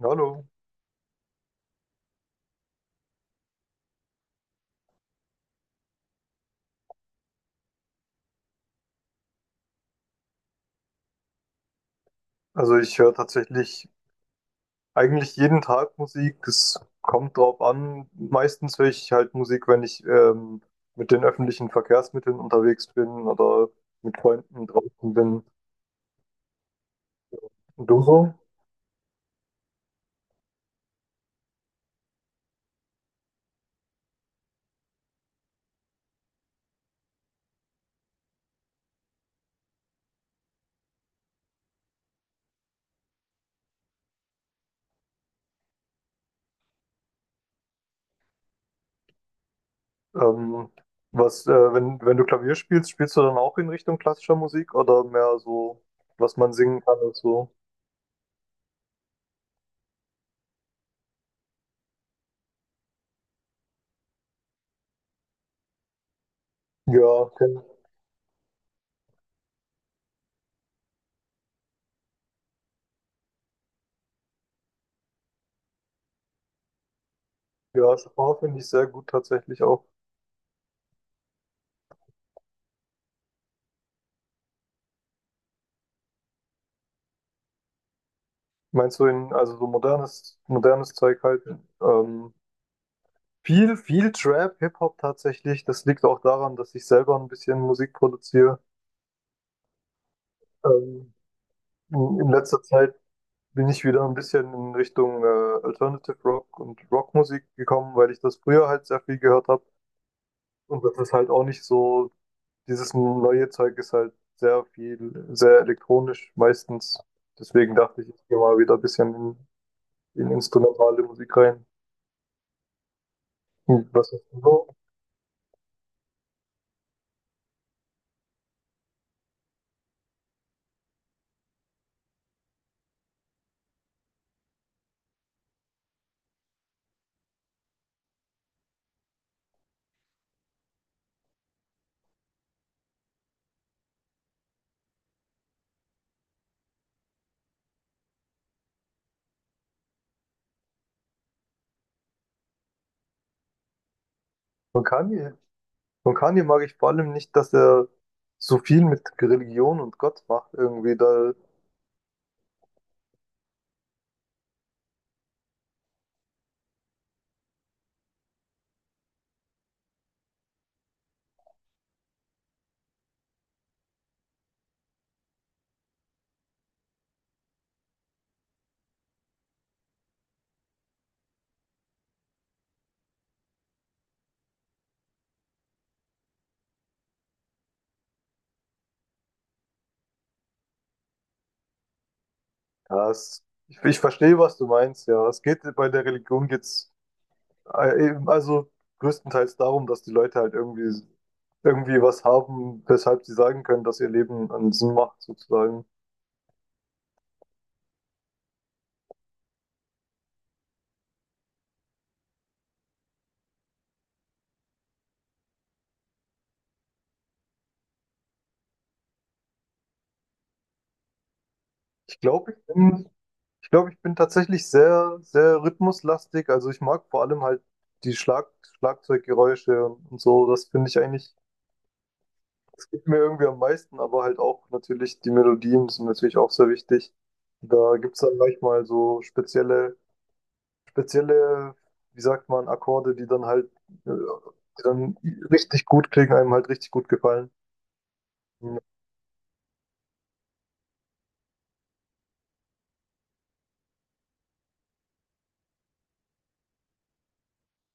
Hallo. Also ich höre tatsächlich eigentlich jeden Tag Musik. Es kommt drauf an. Meistens höre ich halt Musik, wenn ich mit den öffentlichen Verkehrsmitteln unterwegs bin oder mit Freunden draußen bin. Und du so? Ähm, Was, wenn du Klavier spielst, spielst du dann auch in Richtung klassischer Musik oder mehr so, was man singen kann und so? Ja, kenn- ja, Chopin finde ich sehr gut tatsächlich auch. Meinst du in, also so modernes, modernes Zeug halt? Ähm, viel Trap, Hip-Hop tatsächlich. Das liegt auch daran, dass ich selber ein bisschen Musik produziere. Ähm, in letzter Zeit bin ich wieder ein bisschen in Richtung Alternative Rock und Rockmusik gekommen, weil ich das früher halt sehr viel gehört habe. Und das ist halt auch nicht so, dieses neue Zeug ist halt sehr viel, sehr elektronisch meistens. Deswegen dachte ich, ich gehe mal wieder ein bisschen in instrumentale Musik rein. Hm, was ist denn so? Von Kanye? Von Kanye mag ich vor allem nicht, dass er so viel mit Religion und Gott macht. Irgendwie da, ja, ich verstehe, was du meinst, ja. Es geht bei der Religion also größtenteils darum, dass die Leute halt irgendwie was haben, weshalb sie sagen können, dass ihr Leben einen Sinn macht, sozusagen. Ich glaube, ich bin, ich glaube, ich bin tatsächlich sehr rhythmuslastig. Also ich mag vor allem halt die Schlag, Schlagzeuggeräusche und so. Das finde ich eigentlich, das gibt mir irgendwie am meisten, aber halt auch natürlich die Melodien sind natürlich auch sehr wichtig. Da gibt es dann manchmal so spezielle, wie sagt man, Akkorde, die dann halt, äh, die dann richtig gut klingen, einem halt richtig gut gefallen.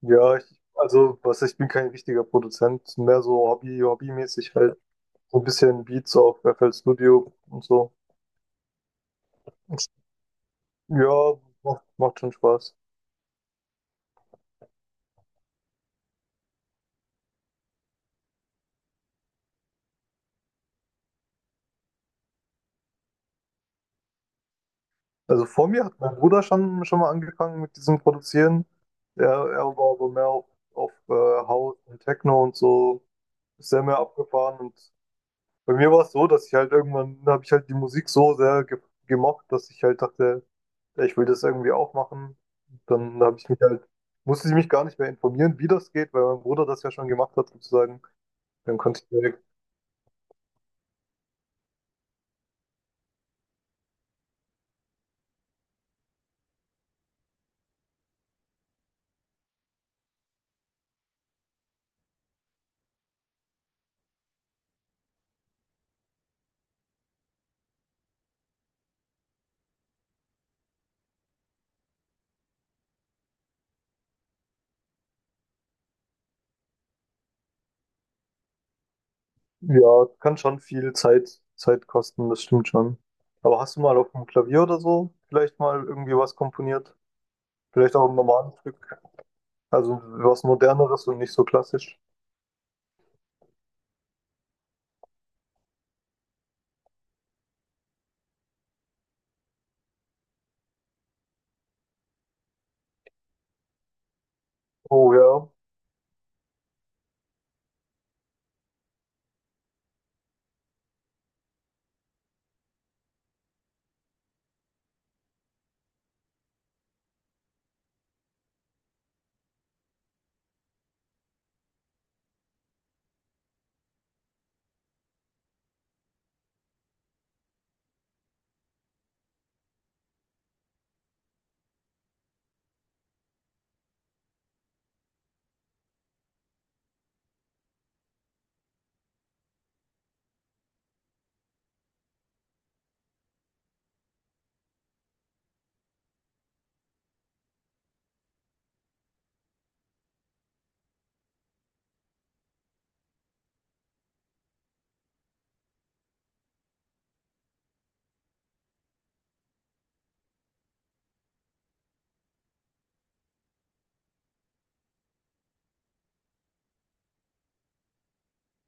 Ja, also was, ich bin kein richtiger Produzent, mehr so Hobby, hobbymäßig halt. So ein bisschen Beats auf FL Studio und so. Ja, macht schon Spaß. Also vor mir hat mein Bruder schon mal angefangen mit diesem Produzieren. Er, er war aber mehr auf House und Techno und so, ist sehr mehr abgefahren. Und bei mir war es so, dass ich halt irgendwann, habe ich halt die Musik so sehr ge gemocht, dass ich halt dachte, ja, ich will das irgendwie auch machen. Dann habe ich mich halt, musste ich mich gar nicht mehr informieren, wie das geht, weil mein Bruder das ja schon gemacht hat sozusagen. Dann konnte ich mir ja, kann schon viel Zeit kosten, das stimmt schon. Aber hast du mal auf dem Klavier oder so vielleicht mal irgendwie was komponiert? Vielleicht auch ein normales Stück, also was Moderneres und nicht so klassisch. Oh ja.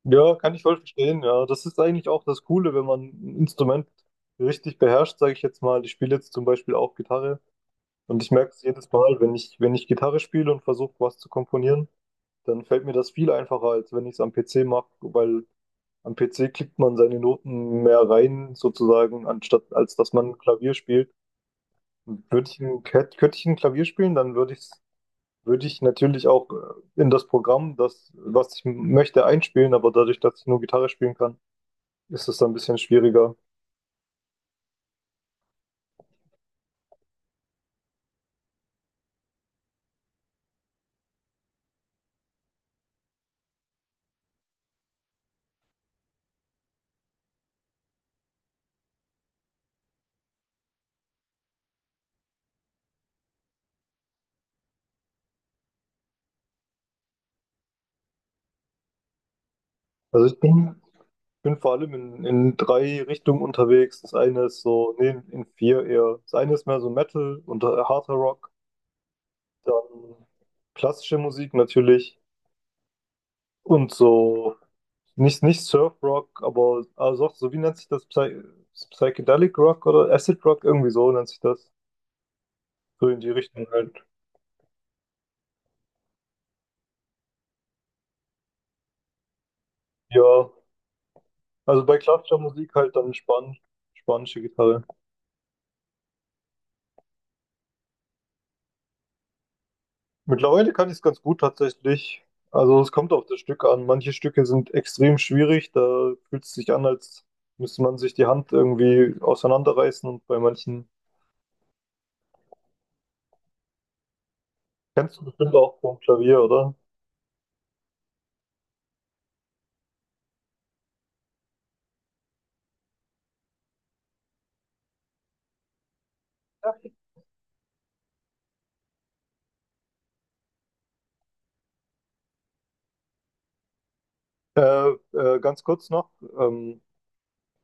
Ja, kann ich voll verstehen, ja. Das ist eigentlich auch das Coole, wenn man ein Instrument richtig beherrscht, sage ich jetzt mal. Ich spiele jetzt zum Beispiel auch Gitarre und ich merke es jedes Mal, wenn ich, wenn ich Gitarre spiele und versuche, was zu komponieren, dann fällt mir das viel einfacher, als wenn ich es am PC mache, weil am PC klickt man seine Noten mehr rein, sozusagen, anstatt als dass man Klavier spielt. Würde ich ein, hätt- könnte ich ein Klavier spielen, dann würde ich natürlich auch in das Programm, das, was ich m- möchte, einspielen, aber dadurch, dass ich nur Gitarre spielen kann, ist es dann ein bisschen schwieriger. Also ich bin, bin vor allem in drei Richtungen unterwegs. Das eine ist so, nee, in vier eher. Das eine ist mehr so Metal und harter Rock, dann klassische Musik natürlich und so. Nicht Surf Rock, aber also auch so, wie nennt sich das? Psychedelic Rock oder Acid Rock? Irgendwie so nennt sich das. So in die Richtung halt. Ja, also bei klassischer Musik halt dann spanische Gitarre. Mittlerweile kann ich es ganz gut tatsächlich. Also es kommt auf das Stück an. Manche Stücke sind extrem schwierig. Da fühlt es sich an, als müsste man sich die Hand irgendwie auseinanderreißen. Und bei manchen kennst du bestimmt auch vom Klavier, oder? Ganz kurz noch, ähm,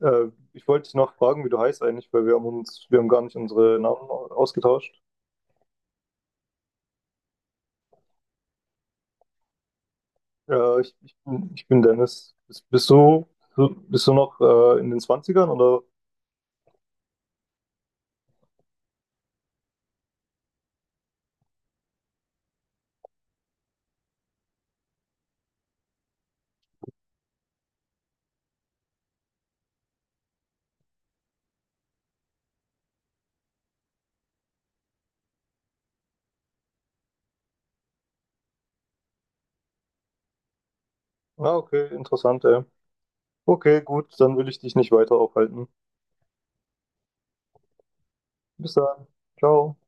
Ich wollte dich noch fragen, wie du heißt eigentlich, weil wir haben uns, wir haben gar nicht unsere Namen au- ausgetauscht. Ich bin Dennis. Bist du, so, bist du noch in den Zwanzigern oder? Ah, okay, interessant, ey. Okay, gut, dann will ich dich nicht weiter aufhalten. Bis dann. Ciao.